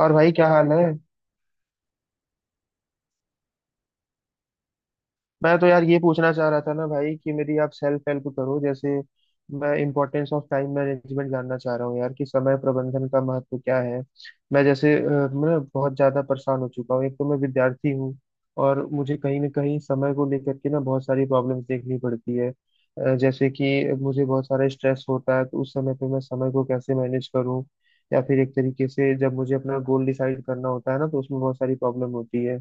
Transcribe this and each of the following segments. और भाई, क्या हाल है। मैं तो यार ये पूछना चाह रहा था ना भाई कि मेरी आप सेल्फ हेल्प करो। जैसे मैं इम्पोर्टेंस ऑफ टाइम मैनेजमेंट जानना चाह रहा हूँ यार कि समय प्रबंधन का महत्व क्या है। मैं बहुत ज़्यादा परेशान हो चुका हूँ। एक तो मैं विद्यार्थी हूँ और मुझे कहीं ना कहीं समय को लेकर के ना बहुत सारी प्रॉब्लम्स देखनी पड़ती है। जैसे कि मुझे बहुत सारा स्ट्रेस होता है, तो उस समय पे मैं समय को कैसे मैनेज करूँ? या फिर एक तरीके से जब मुझे अपना गोल डिसाइड करना होता है ना, तो उसमें बहुत सारी प्रॉब्लम होती है।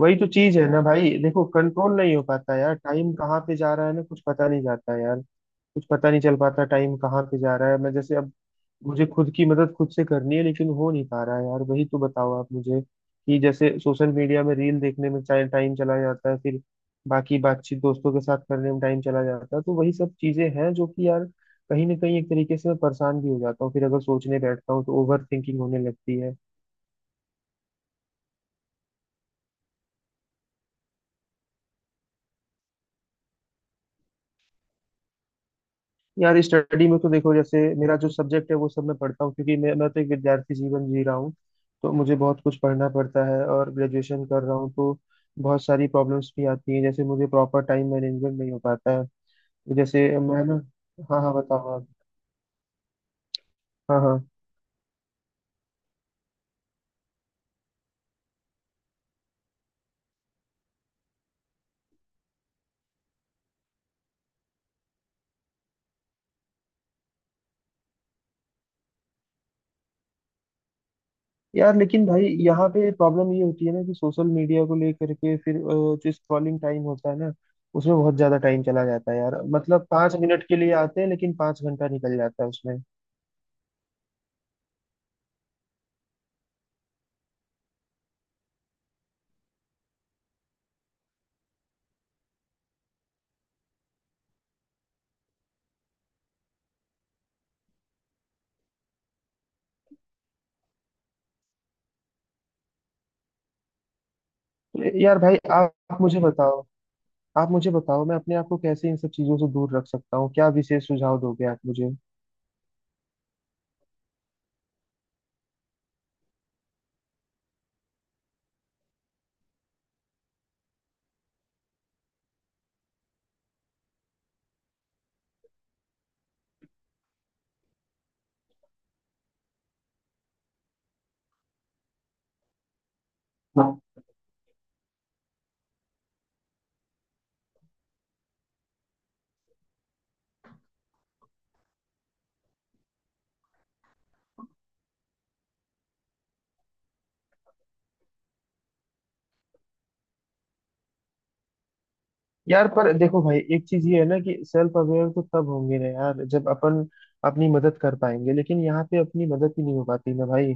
वही तो चीज है ना भाई। देखो, कंट्रोल नहीं हो पाता यार, टाइम कहाँ पे जा रहा है ना, कुछ पता नहीं जाता है यार। कुछ पता नहीं चल पाता टाइम कहाँ पे जा रहा है। मैं जैसे अब मुझे खुद की मदद खुद से करनी है, लेकिन हो नहीं पा रहा है यार। वही तो बताओ आप मुझे कि जैसे सोशल मीडिया में रील देखने में चाहे टाइम चला जाता है, फिर बाकी बातचीत दोस्तों के साथ करने में टाइम चला जाता है। तो वही सब चीजें हैं जो कि यार कहीं ना कहीं एक तरीके से मैं परेशान भी हो जाता हूँ, फिर अगर सोचने बैठता हूँ तो ओवर थिंकिंग होने लगती है। यार स्टडी में तो देखो, जैसे मेरा जो सब्जेक्ट है वो सब मैं पढ़ता हूँ, क्योंकि मैं तो एक विद्यार्थी जीवन जी रहा हूँ। तो मुझे बहुत कुछ पढ़ना पड़ता है, और ग्रेजुएशन कर रहा हूँ तो बहुत सारी प्रॉब्लम्स भी आती हैं। जैसे मुझे प्रॉपर टाइम मैनेजमेंट नहीं हो पाता है। तो जैसे मैं ना, हाँ हाँ बताओ आप। हाँ हाँ। यार लेकिन भाई यहाँ पे प्रॉब्लम ये होती है ना कि सोशल मीडिया को लेकर के फिर जो स्क्रॉलिंग टाइम होता है ना, उसमें बहुत ज्यादा टाइम चला जाता है यार। मतलब 5 मिनट के लिए आते हैं, लेकिन 5 घंटा निकल जाता है उसमें। तो यार भाई, आप मुझे बताओ। आप मुझे बताओ, मैं अपने आप को कैसे इन सब चीजों से दूर रख सकता हूँ, क्या विशेष सुझाव दोगे आप मुझे? हाँ। यार पर देखो भाई, एक चीज ये है ना कि सेल्फ अवेयर तो तब होंगे ना यार जब अपन अपनी मदद कर पाएंगे, लेकिन यहाँ पे अपनी मदद ही नहीं हो पाती ना भाई।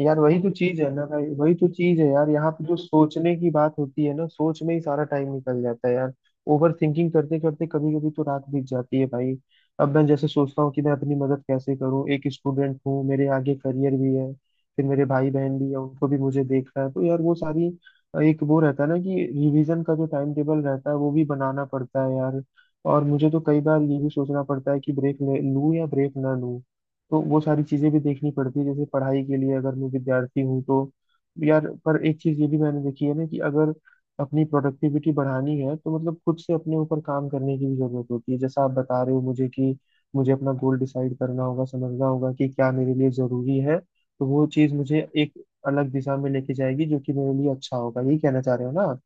यार वही तो चीज है ना भाई, वही तो चीज है यार, यहाँ पे जो सोचने की बात होती है ना, सोच में ही सारा टाइम निकल जाता है यार। ओवर थिंकिंग करते करते कभी कभी तो रात बीत जाती है भाई। अब मैं जैसे सोचता हूँ कि मैं अपनी मदद कैसे करूँ, एक स्टूडेंट हूँ, मेरे आगे करियर भी है, फिर मेरे भाई बहन भी है, उनको भी मुझे देखना है। तो यार वो सारी, एक वो रहता है ना कि रिवीजन का जो टाइम टेबल रहता है, वो भी बनाना पड़ता है यार। और मुझे तो कई बार ये भी सोचना पड़ता है कि ब्रेक ले लूँ या ब्रेक ना लूँ। तो वो सारी चीजें भी देखनी पड़ती है, जैसे पढ़ाई के लिए अगर मैं विद्यार्थी हूँ तो। यार पर एक चीज ये भी मैंने देखी है ना कि अगर अपनी प्रोडक्टिविटी बढ़ानी है, तो मतलब खुद से अपने ऊपर काम करने की भी जरूरत होती है, जैसा आप बता रहे हो मुझे कि मुझे अपना गोल डिसाइड करना होगा, समझना होगा कि क्या मेरे लिए जरूरी है। तो वो चीज मुझे एक अलग दिशा में लेके जाएगी, जो कि मेरे लिए अच्छा होगा, यही कहना चाह रहे हो ना आप?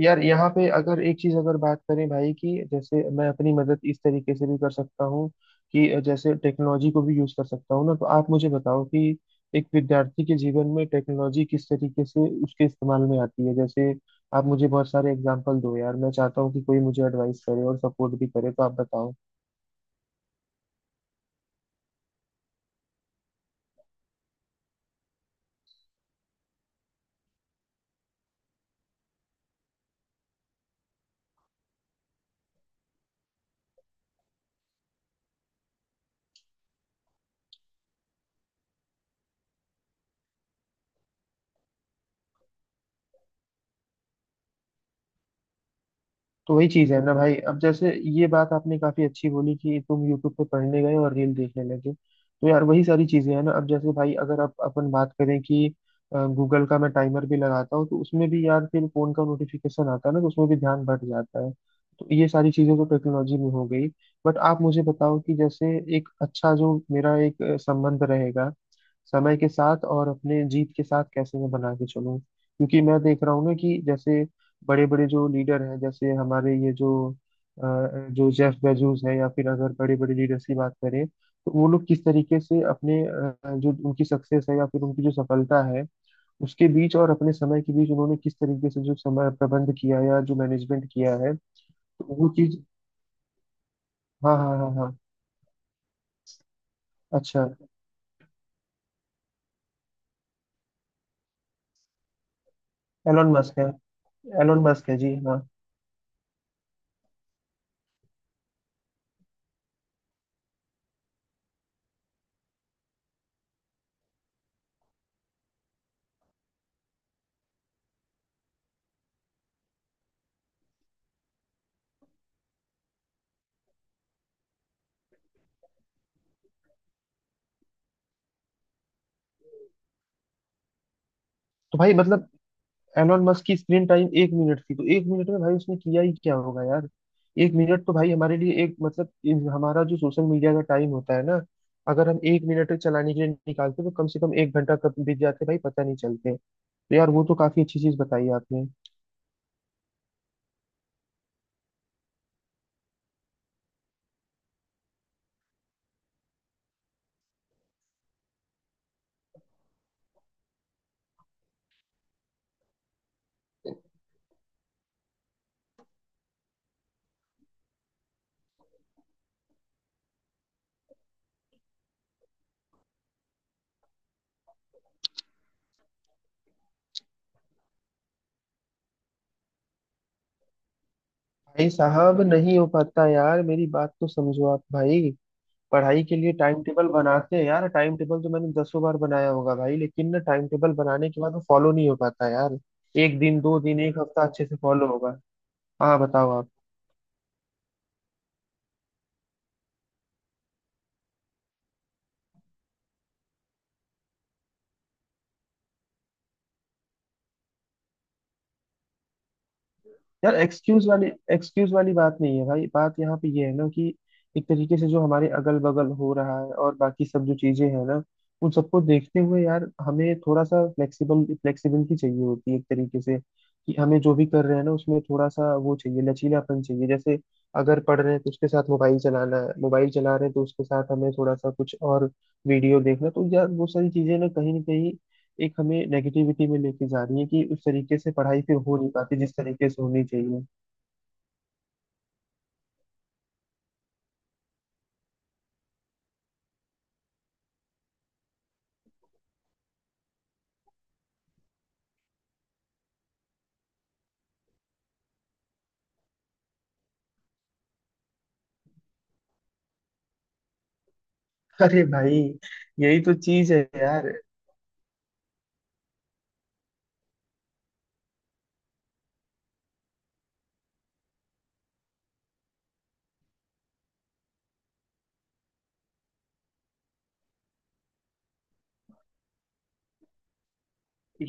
यार, यहाँ पे अगर एक चीज अगर बात करें भाई, कि जैसे मैं अपनी मदद इस तरीके से भी कर सकता हूँ कि जैसे टेक्नोलॉजी को भी यूज कर सकता हूँ ना, तो आप मुझे बताओ कि एक विद्यार्थी के जीवन में टेक्नोलॉजी किस तरीके से उसके इस्तेमाल में आती है। जैसे आप मुझे बहुत सारे एग्जाम्पल दो यार, मैं चाहता हूँ कि कोई मुझे एडवाइस करे और सपोर्ट भी करे, तो आप बताओ। तो वही चीज है ना भाई, अब जैसे ये बात आपने काफी अच्छी बोली कि तुम यूट्यूब पे पढ़ने गए और रील देखने लगे। तो यार वही सारी चीजें हैं ना, अब जैसे भाई, अगर आप अपन बात करें कि गूगल का मैं टाइमर भी लगाता हूँ, तो उसमें भी यार फिर फोन का नोटिफिकेशन आता है ना, तो उसमें भी ध्यान भट जाता है। तो ये सारी चीजें तो टेक्नोलॉजी में हो गई। बट आप मुझे बताओ कि जैसे एक अच्छा जो मेरा एक संबंध रहेगा समय के साथ और अपने जीत के साथ, कैसे मैं बना के चलूं, क्योंकि मैं देख रहा हूँ ना कि जैसे बड़े बड़े जो लीडर हैं, जैसे हमारे ये जो जेफ बेजोस है, या फिर अगर बड़े बड़े लीडर्स की बात करें, तो वो लोग किस तरीके से अपने जो उनकी सक्सेस है या फिर उनकी जो सफलता है, उसके बीच और अपने समय के बीच उन्होंने किस तरीके से जो समय प्रबंध किया या जो मैनेजमेंट किया है। तो वो चीज, हाँ हाँ हाँ हाँ, अच्छा। एलोन मस्क है, एलोन मस्क है जी हाँ। तो भाई मतलब एलोन मस्क की स्क्रीन टाइम 1 मिनट थी, तो 1 मिनट में भाई उसने किया ही क्या होगा यार। 1 मिनट तो भाई हमारे लिए एक मतलब हमारा जो सोशल मीडिया का टाइम होता है ना, अगर हम 1 मिनट चलाने के लिए निकालते, तो कम से कम 1 घंटा कब बीत जाते भाई, पता नहीं चलते। तो यार वो तो काफी अच्छी चीज बताई आपने। भाई साहब, नहीं हो पाता यार, मेरी बात तो समझो आप भाई। पढ़ाई के लिए टाइम टेबल बनाते हैं यार, टाइम टेबल तो मैंने दसों बार बनाया होगा भाई, लेकिन ना टाइम टेबल बनाने के बाद वो फॉलो नहीं हो पाता यार। एक दिन 2 दिन एक हफ्ता अच्छे से फॉलो होगा। हाँ बताओ आप। यार, एक्सक्यूज वाली बात नहीं है भाई। बात यहाँ पे ये है ना कि एक तरीके से जो हमारे अगल बगल हो रहा है और बाकी सब जो चीजें हैं ना, उन सबको देखते हुए यार, हमें थोड़ा सा फ्लेक्सिबल, फ्लेक्सिबिलिटी चाहिए होती है एक तरीके से, कि हमें जो भी कर रहे हैं ना, उसमें थोड़ा सा वो चाहिए, लचीलापन चाहिए। जैसे अगर पढ़ रहे हैं तो उसके साथ मोबाइल चलाना है, मोबाइल चला रहे हैं तो उसके साथ हमें थोड़ा सा कुछ और वीडियो देखना। तो यार वो सारी चीजें ना कहीं एक हमें नेगेटिविटी में लेके जा रही है, कि उस तरीके से पढ़ाई फिर हो नहीं पाती जिस तरीके से होनी चाहिए। अरे भाई, यही तो चीज है यार।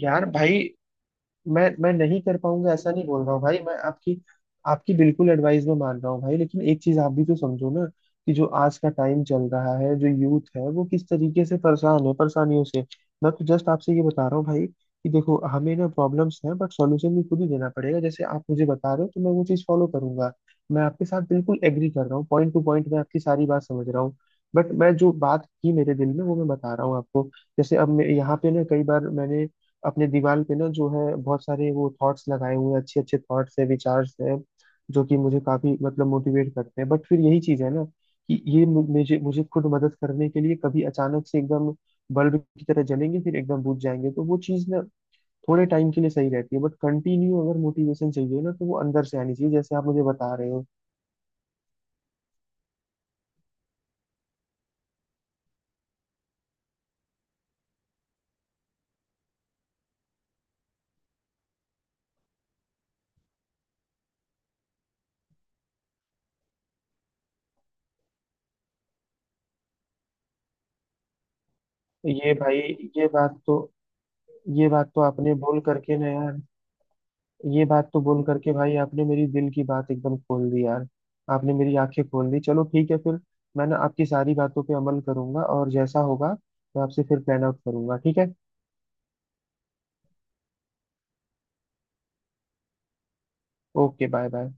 यार भाई, मैं नहीं कर पाऊंगा, ऐसा नहीं बोल रहा हूँ भाई, मैं आपकी आपकी बिल्कुल एडवाइस में मान रहा हूँ भाई, लेकिन एक चीज आप भी तो समझो ना, कि जो आज का टाइम चल रहा है, जो यूथ है वो किस तरीके से परेशान है, परेशानियों से। मैं तो जस्ट आपसे ये बता रहा हूँ भाई कि देखो, हमें ना प्रॉब्लम्स हैं, बट सॉल्यूशन भी खुद ही देना पड़ेगा, जैसे आप मुझे बता रहे हो, तो मैं वो चीज फॉलो करूंगा। मैं आपके साथ बिल्कुल एग्री कर रहा हूँ, पॉइंट टू पॉइंट मैं आपकी सारी बात समझ रहा हूँ। बट मैं जो बात थी मेरे दिल में, वो मैं बता रहा हूँ आपको। जैसे अब मैं यहाँ पे ना, कई बार मैंने अपने दीवार पे ना जो है बहुत सारे वो थॉट्स लगाए हुए हैं, अच्छे अच्छे थॉट्स है, विचार्स है, जो कि मुझे काफी मतलब मोटिवेट करते हैं। बट फिर यही चीज है ना कि ये मु- मुझे मुझे खुद मदद करने के लिए कभी अचानक से एकदम बल्ब की तरह जलेंगे, फिर एकदम बुझ जाएंगे। तो वो चीज ना थोड़े टाइम के लिए सही रहती है, बट कंटिन्यू अगर मोटिवेशन चाहिए ना, तो वो अंदर से आनी चाहिए, जैसे आप मुझे बता रहे हो। ये भाई, ये बात तो ये बात तो आपने बोल करके ना यार, ये बात तो बोल करके भाई आपने मेरी दिल की बात एकदम खोल दी यार। आपने मेरी आंखें खोल दी। चलो ठीक है फिर, मैं ना आपकी सारी बातों पे अमल करूंगा, और जैसा होगा मैं आपसे फिर प्लान आउट करूंगा, ठीक है। Okay, bye bye.